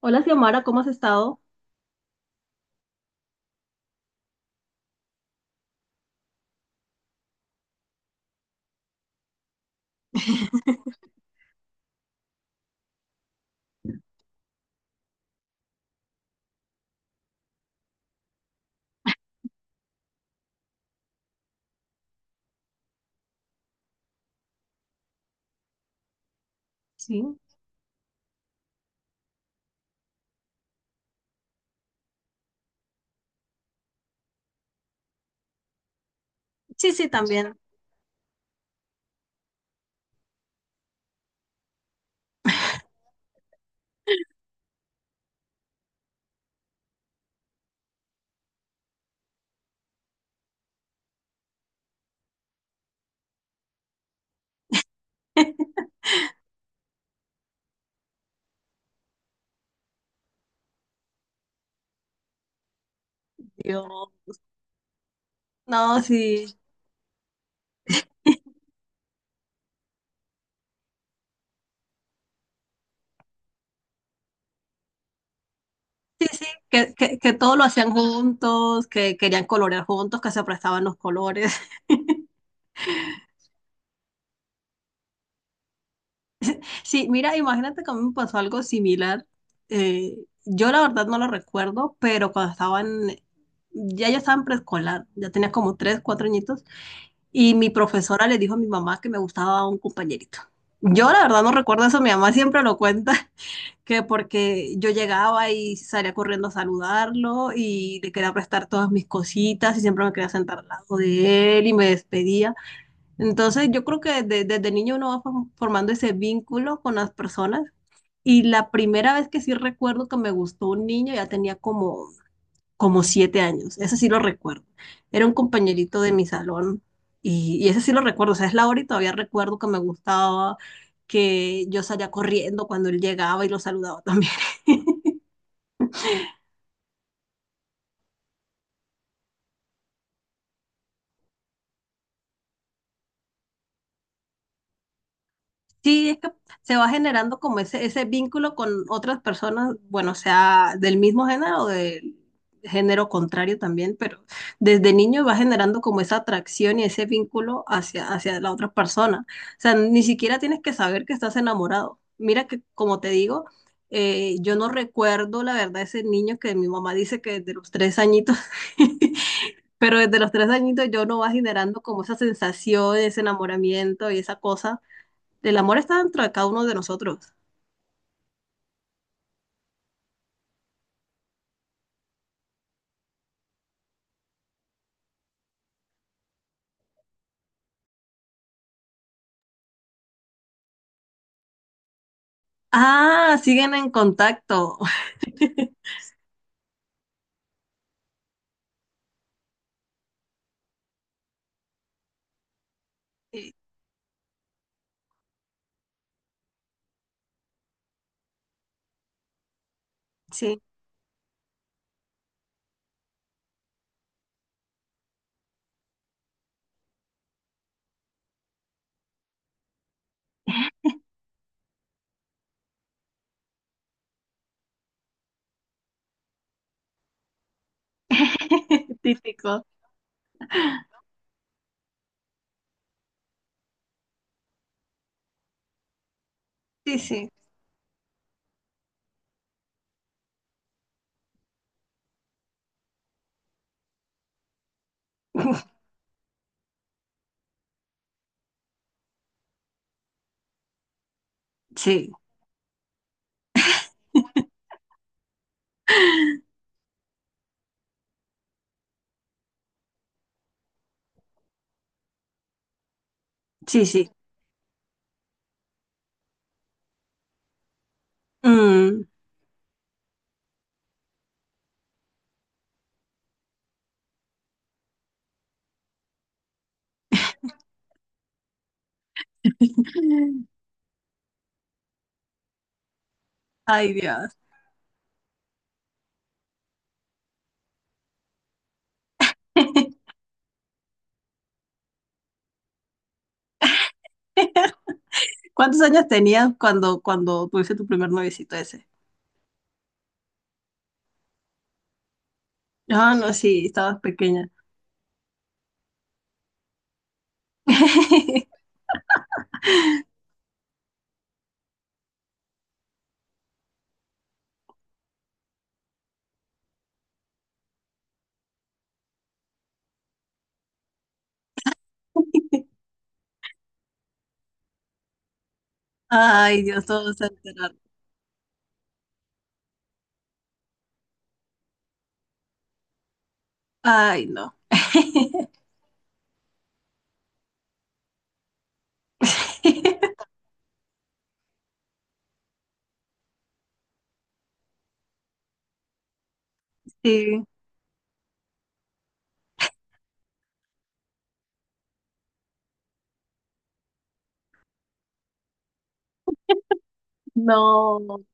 Hola, Xiomara, ¿cómo has estado? Sí, sí, sí, también. Yo, no, sí, sí, sí, que todo lo hacían juntos, que querían colorear juntos, que se prestaban los colores. Sí, mira, imagínate que a mí me pasó algo similar. Eh, yo la verdad no lo recuerdo, pero cuando estaban, ya yo estaba en preescolar, ya tenía como 3, 4 añitos, y mi profesora le dijo a mi mamá que me gustaba un compañerito. Yo la verdad no recuerdo eso, mi mamá siempre lo cuenta. Que porque yo llegaba y salía corriendo a saludarlo y le quería prestar todas mis cositas y siempre me quería sentar al lado de él y me despedía. Entonces yo creo que desde niño uno va formando ese vínculo con las personas y la primera vez que sí recuerdo que me gustó un niño ya tenía como 7 años, ese sí lo recuerdo. Era un compañerito de mi salón y ese sí lo recuerdo, o sea, es la hora y todavía recuerdo que me gustaba, que yo salía corriendo cuando él llegaba y lo saludaba también. Sí, es que se va generando como ese vínculo con otras personas, bueno, sea del mismo género o del género contrario también, pero desde niño va generando como esa atracción y ese vínculo hacia la otra persona. O sea, ni siquiera tienes que saber que estás enamorado. Mira que, como te digo, yo no recuerdo la verdad ese niño que mi mamá dice que desde los 3 añitos. Pero desde los 3 añitos yo no va generando como esa sensación, ese enamoramiento y esa cosa. El amor está dentro de cada uno de nosotros. Ah, siguen en contacto. Sí, sí. Típico. Sí, sí. Sí, sí, sí. Mm. Ay, Dios. ¿Cuántos años tenías cuando, cuando tuviste tu primer noviecito ese? Ah, no, sí, estabas pequeña. Ay, Dios, todos se enteraron. Ay, no. Sí, no.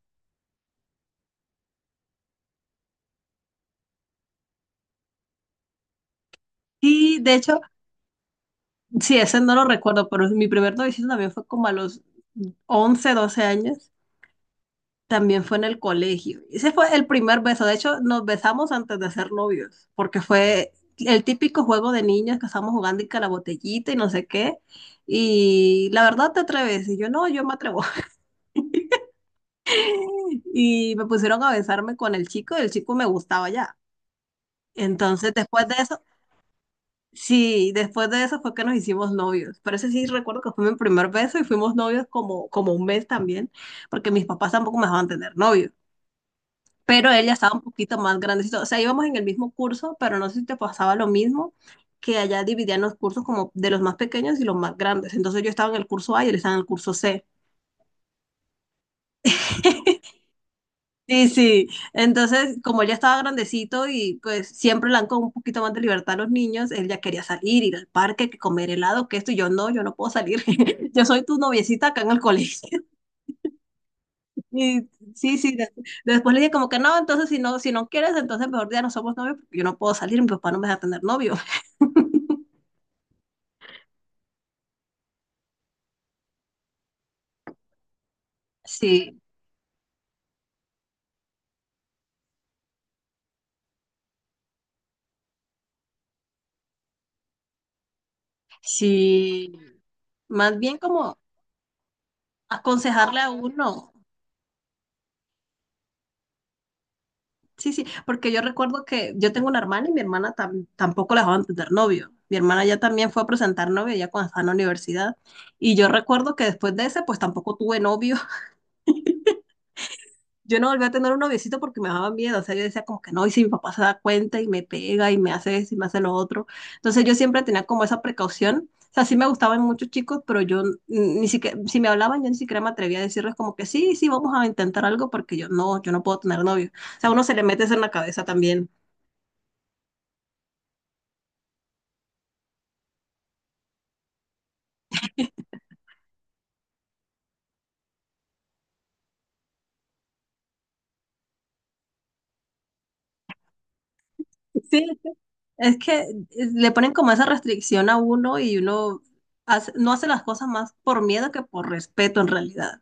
Sí, de hecho, sí, ese no lo recuerdo, pero mi primer noviciado también fue como a los 11, 12 años. También fue en el colegio. Ese fue el primer beso. De hecho, nos besamos antes de ser novios, porque fue el típico juego de niños que estábamos jugando y que la botellita y no sé qué. Y la verdad te atreves. Y yo no, yo me atrevo. Y me pusieron a besarme con el chico y el chico me gustaba ya. Entonces, después de eso, sí, después de eso fue que nos hicimos novios. Pero ese sí recuerdo que fue mi primer beso y fuimos novios como, como un mes también, porque mis papás tampoco me dejaban tener novio. Pero él ya estaba un poquito más grandecito. O sea, íbamos en el mismo curso, pero no sé si te pasaba lo mismo, que allá dividían los cursos como de los más pequeños y los más grandes. Entonces yo estaba en el curso A y él estaba en el curso C. Sí, sí. Entonces, como él ya estaba grandecito y pues siempre le dan con un poquito más de libertad a los niños, él ya quería salir, ir al parque, que comer helado, que esto, y yo no, yo no puedo salir. Yo soy tu noviecita acá en el colegio. Y sí, sí. Después le dije como que no, entonces si no, quieres, entonces mejor ya no somos novios, porque yo no puedo salir, mi papá no me deja tener novio. Sí, sí. Más bien como aconsejarle a uno. Sí, sí, porque yo recuerdo que yo tengo una hermana y mi hermana tampoco la dejaban tener novio. Mi hermana ya también fue a presentar novio ya cuando estaba en la universidad. Y yo recuerdo que después de ese, pues tampoco tuve novio. Yo no volví a tener un noviecito porque me daba miedo. O sea, yo decía como que no, y si mi papá se da cuenta y me pega y me hace eso y me hace lo otro. Entonces yo siempre tenía como esa precaución. O sea, sí me gustaban muchos chicos, pero yo ni siquiera, si me hablaban, yo ni siquiera me atrevía a decirles como que sí, sí, vamos a intentar algo porque yo no, yo no puedo tener novio. O sea, a uno se le mete eso en la cabeza también. Sí, es que le ponen como esa restricción a uno y uno no hace las cosas más por miedo que por respeto en realidad.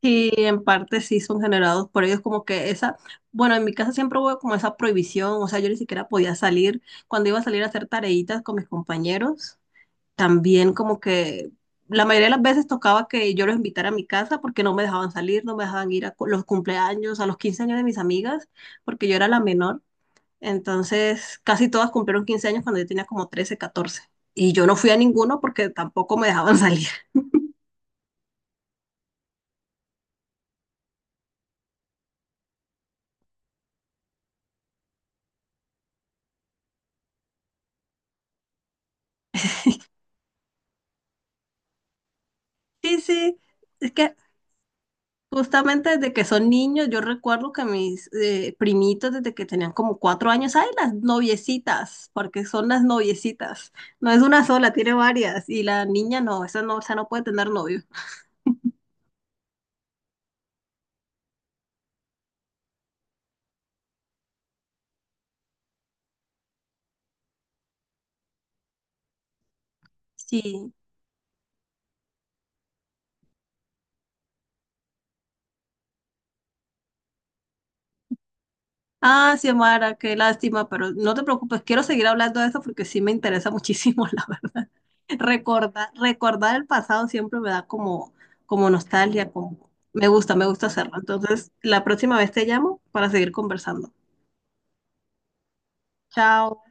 Y en parte sí son generados por ellos como que esa, bueno, en mi casa siempre hubo como esa prohibición, o sea, yo ni siquiera podía salir. Cuando iba a salir a hacer tareitas con mis compañeros, también como que la mayoría de las veces tocaba que yo los invitara a mi casa porque no me dejaban salir, no me dejaban ir a los cumpleaños, a los 15 años de mis amigas, porque yo era la menor. Entonces, casi todas cumplieron 15 años cuando yo tenía como 13, 14 Y yo no fui a ninguno porque tampoco me dejaban salir. Sí, sí, es que justamente desde que son niños, yo recuerdo que mis primitos desde que tenían como 4 años, hay las noviecitas, porque son las noviecitas. No es una sola, tiene varias. Y la niña no, esa no, esa no puede tener novio. Sí, ah, Xiomara, qué lástima, pero no te preocupes, quiero seguir hablando de esto porque sí me interesa muchísimo, la verdad. Recordar, recordar el pasado siempre me da como, como nostalgia, como me gusta hacerlo. Entonces, la próxima vez te llamo para seguir conversando. Chao.